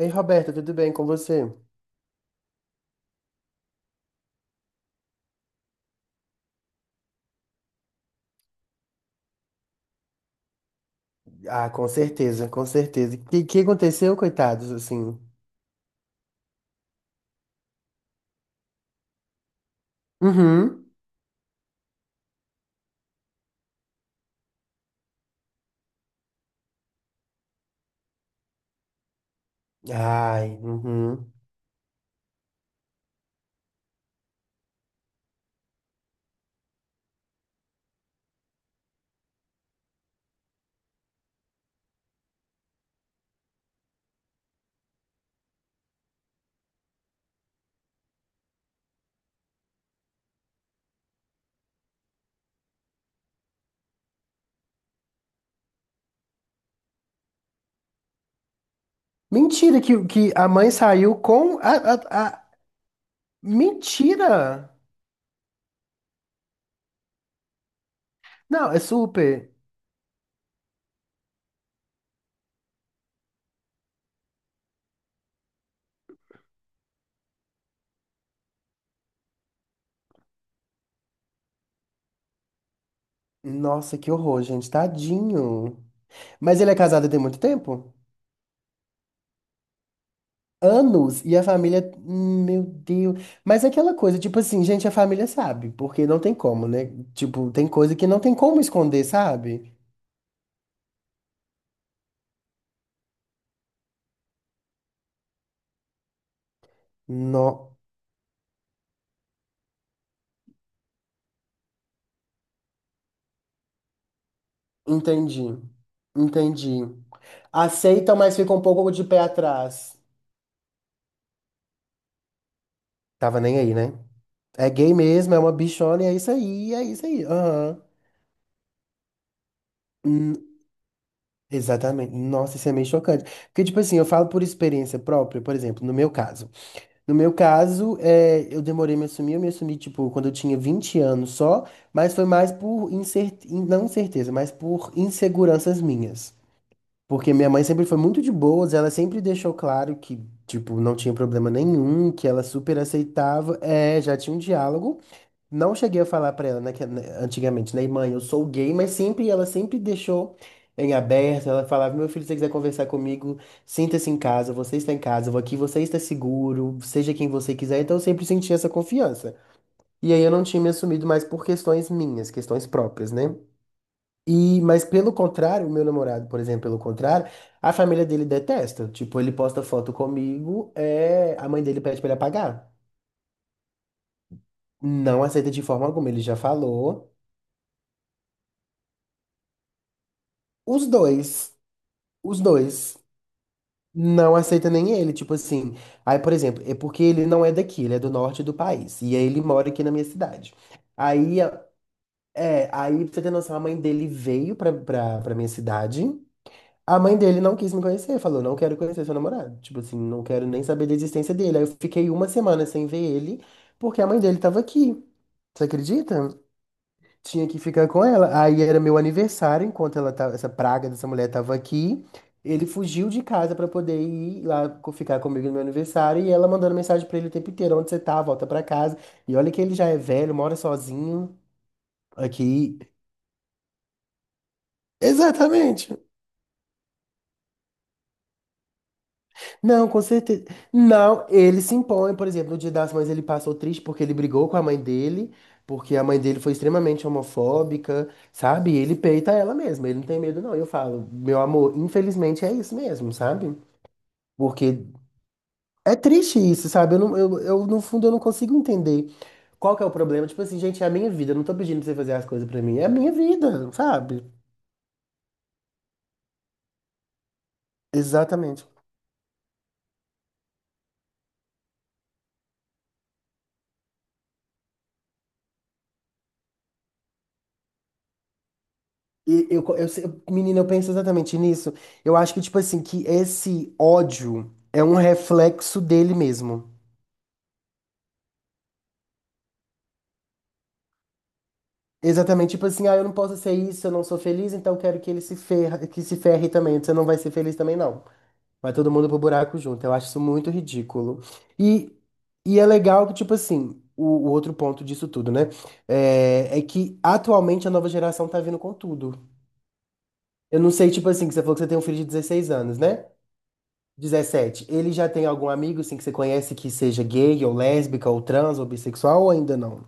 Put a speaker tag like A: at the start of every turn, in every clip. A: Ei, Roberta, tudo bem com você? Ah, com certeza, com certeza. O que aconteceu, coitados, assim? Uhum. Ai, uhum. Mentira que a mãe saiu com a- Mentira! Não, é super. Nossa, que horror, gente, tadinho. Mas ele é casado tem muito tempo? Anos, e a família. Meu Deus. Mas é aquela coisa, tipo assim, gente, a família sabe, porque não tem como, né? Tipo, tem coisa que não tem como esconder, sabe? Não. Entendi. Entendi. Aceitam, mas fica um pouco de pé atrás. Tava nem aí, né? É gay mesmo, é uma bichona, e é isso aí, é isso aí. Aham. Hum, exatamente. Nossa, isso é meio chocante. Porque, tipo assim, eu falo por experiência própria, por exemplo, no meu caso. No meu caso, é, eu demorei a me assumir, eu me assumi, tipo, quando eu tinha 20 anos só, mas foi mais por incer- não, certeza, mas por inseguranças minhas. Porque minha mãe sempre foi muito de boas, ela sempre deixou claro que, tipo, não tinha problema nenhum, que ela super aceitava. É, já tinha um diálogo. Não cheguei a falar pra ela, né, que, né, antigamente, né, mãe, eu sou gay, mas sempre, ela sempre deixou em aberto. Ela falava, meu filho, se você quiser conversar comigo, sinta-se em casa, você está em casa, eu vou aqui você está seguro, seja quem você quiser. Então eu sempre senti essa confiança. E aí eu não tinha me assumido mais por questões minhas, questões próprias, né? E, mas pelo contrário, o meu namorado, por exemplo, pelo contrário, a família dele detesta. Tipo, ele posta foto comigo, é, a mãe dele pede pra ele apagar. Não aceita de forma alguma, ele já falou. Os dois, os dois, não aceita nem ele, tipo assim. Aí, por exemplo, é porque ele não é daqui, ele é do norte do país. E aí ele mora aqui na minha cidade. Aí, aí, pra você ter noção, a mãe dele veio pra minha cidade. A mãe dele não quis me conhecer, falou, não quero conhecer seu namorado. Tipo assim, não quero nem saber da existência dele. Aí eu fiquei uma semana sem ver ele, porque a mãe dele tava aqui. Você acredita? Tinha que ficar com ela. Aí era meu aniversário, enquanto ela tava, essa praga dessa mulher tava aqui. Ele fugiu de casa pra poder ir lá ficar comigo no meu aniversário. E ela mandando mensagem pra ele o tempo inteiro, onde você tá, volta pra casa. E olha que ele já é velho, mora sozinho aqui. Exatamente. Não, com certeza. Não, ele se impõe, por exemplo, no Dia das Mães ele passou triste porque ele brigou com a mãe dele, porque a mãe dele foi extremamente homofóbica, sabe? E ele peita ela mesmo, ele não tem medo, não. Eu falo, meu amor, infelizmente é isso mesmo, sabe? Porque é triste isso, sabe? Eu, não, eu, no fundo, eu não consigo entender qual que é o problema. Tipo assim, gente, é a minha vida, eu não tô pedindo pra você fazer as coisas pra mim, é a minha vida, sabe? Exatamente. E eu, menina, eu penso exatamente nisso. Eu acho que, tipo assim, que esse ódio é um reflexo dele mesmo. Exatamente, tipo assim, ah, eu não posso ser isso, eu não sou feliz, então quero que ele se ferra, que se ferre também. Você não vai ser feliz também, não. Vai todo mundo pro buraco junto. Eu acho isso muito ridículo. E, e é legal que, tipo assim, o outro ponto disso tudo, né? É, que atualmente a nova geração tá vindo com tudo. Eu não sei, tipo assim, que você falou que você tem um filho de 16 anos, né? 17. Ele já tem algum amigo, assim, que você conhece que seja gay, ou lésbica, ou trans, ou bissexual, ou ainda não?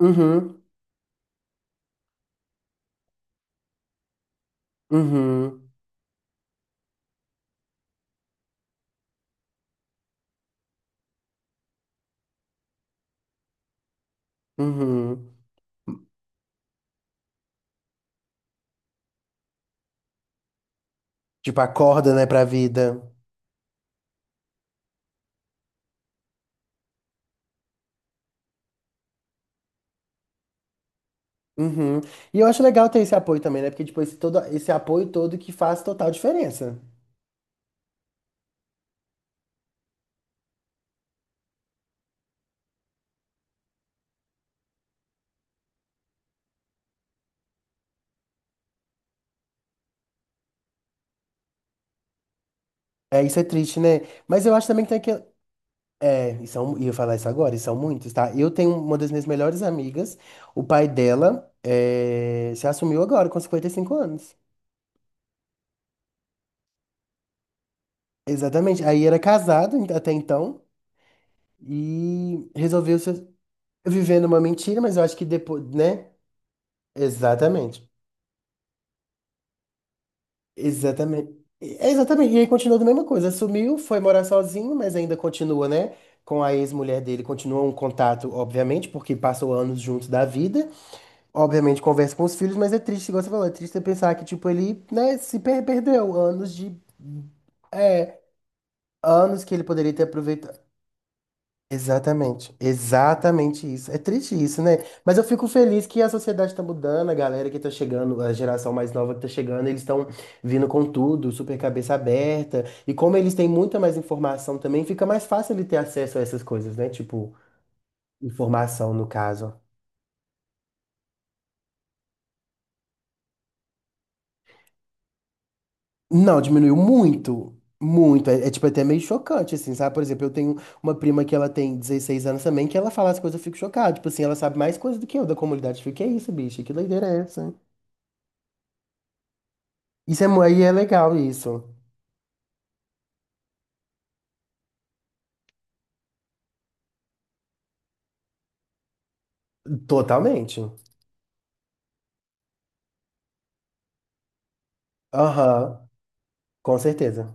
A: Uhum, uhum, uhum. Tipo, acorda, né, pra vida. Uhum. E eu acho legal ter esse apoio também, né? Porque, tipo, esse, todo, esse apoio todo que faz total diferença. É, isso é triste, né? Mas eu acho também que tem que. É, e são, e eu falar isso agora, e são muitos, tá? Eu tenho uma das minhas melhores amigas, o pai dela é, se assumiu agora, com 55 anos. Exatamente. Aí era casado até então. E resolveu se viver numa mentira, mas eu acho que depois, né? Exatamente. Exatamente. É, exatamente. E aí continuou da mesma coisa. Sumiu, foi morar sozinho, mas ainda continua, né? Com a ex-mulher dele, continua um contato, obviamente, porque passou anos juntos da vida. Obviamente conversa com os filhos, mas é triste, igual você falou, é triste pensar que, tipo, ele, né, se perdeu anos de. É, anos que ele poderia ter aproveitado. Exatamente, exatamente isso. É triste isso, né? Mas eu fico feliz que a sociedade está mudando, a galera que tá chegando, a geração mais nova que tá chegando, eles estão vindo com tudo, super cabeça aberta. E como eles têm muita mais informação também, fica mais fácil ele ter acesso a essas coisas, né? Tipo, informação no caso. Não, diminuiu muito, muito. É, tipo até meio chocante, assim, sabe? Por exemplo, eu tenho uma prima que ela tem 16 anos também, que ela fala as coisas, eu fico chocado. Tipo assim, ela sabe mais coisas do que eu da comunidade. Eu fico, que é isso, bicho? Que doideira é essa? Isso é, aí é legal, isso. Totalmente. Aham, com certeza.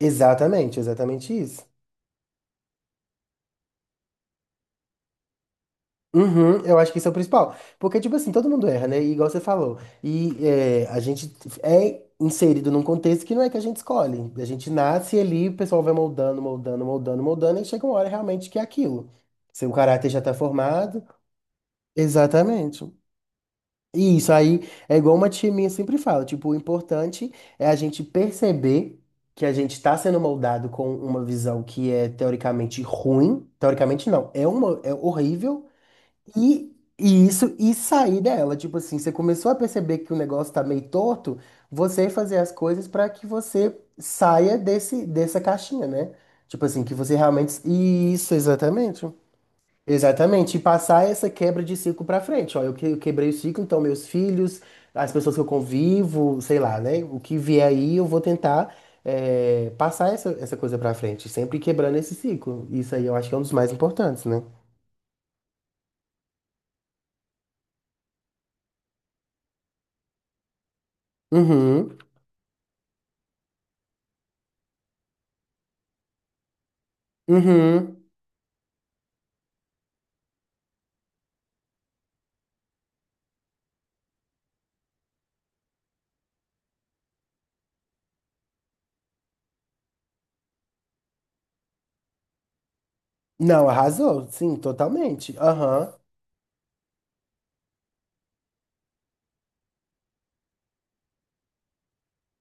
A: Exatamente, exatamente isso. Uhum, eu acho que isso é o principal. Porque, tipo assim, todo mundo erra, né? E igual você falou. E é, a gente é inserido num contexto que não é que a gente escolhe. A gente nasce ali, o pessoal vai moldando, moldando, moldando, moldando, e chega uma hora realmente que é aquilo. Seu caráter já tá formado. Exatamente. E isso aí é igual uma tia minha sempre fala, tipo, o importante é a gente perceber que a gente está sendo moldado com uma visão que é teoricamente ruim, teoricamente não, é uma, é horrível, e isso, e sair dela, tipo assim, você começou a perceber que o negócio tá meio torto, você fazer as coisas para que você saia desse, dessa caixinha, né? Tipo assim, que você realmente. Isso, exatamente. Exatamente, e passar essa quebra de ciclo pra frente. Ó, eu quebrei o ciclo, então meus filhos, as pessoas que eu convivo, sei lá, né? O que vier aí, eu vou tentar passar essa coisa pra frente, sempre quebrando esse ciclo. Isso aí eu acho que é um dos mais importantes, né? Uhum, uhum. Não, arrasou, sim, totalmente. Aham.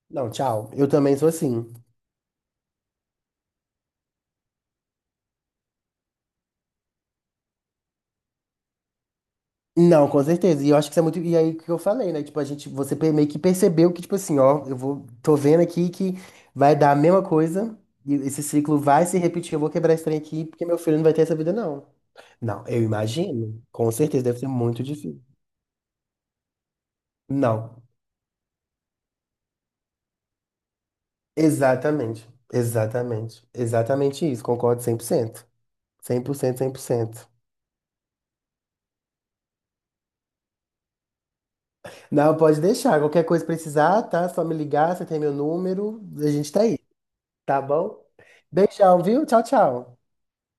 A: Não, tchau. Eu também sou assim. Não, com certeza. E eu acho que isso é muito. E aí que eu falei, né? Tipo, a gente, você meio que percebeu que, tipo assim, ó, tô vendo aqui que vai dar a mesma coisa, e esse ciclo vai se repetir. Eu vou quebrar esse trem aqui, porque meu filho não vai ter essa vida, não. Não, eu imagino. Com certeza, deve ser muito difícil. Não, exatamente. Exatamente. Exatamente isso. Concordo cem por cento, 100%, 100%, Não, pode deixar. Qualquer coisa precisar, tá? Só me ligar, você tem meu número, a gente tá aí, tá bom? Beijão, viu? Tchau, tchau.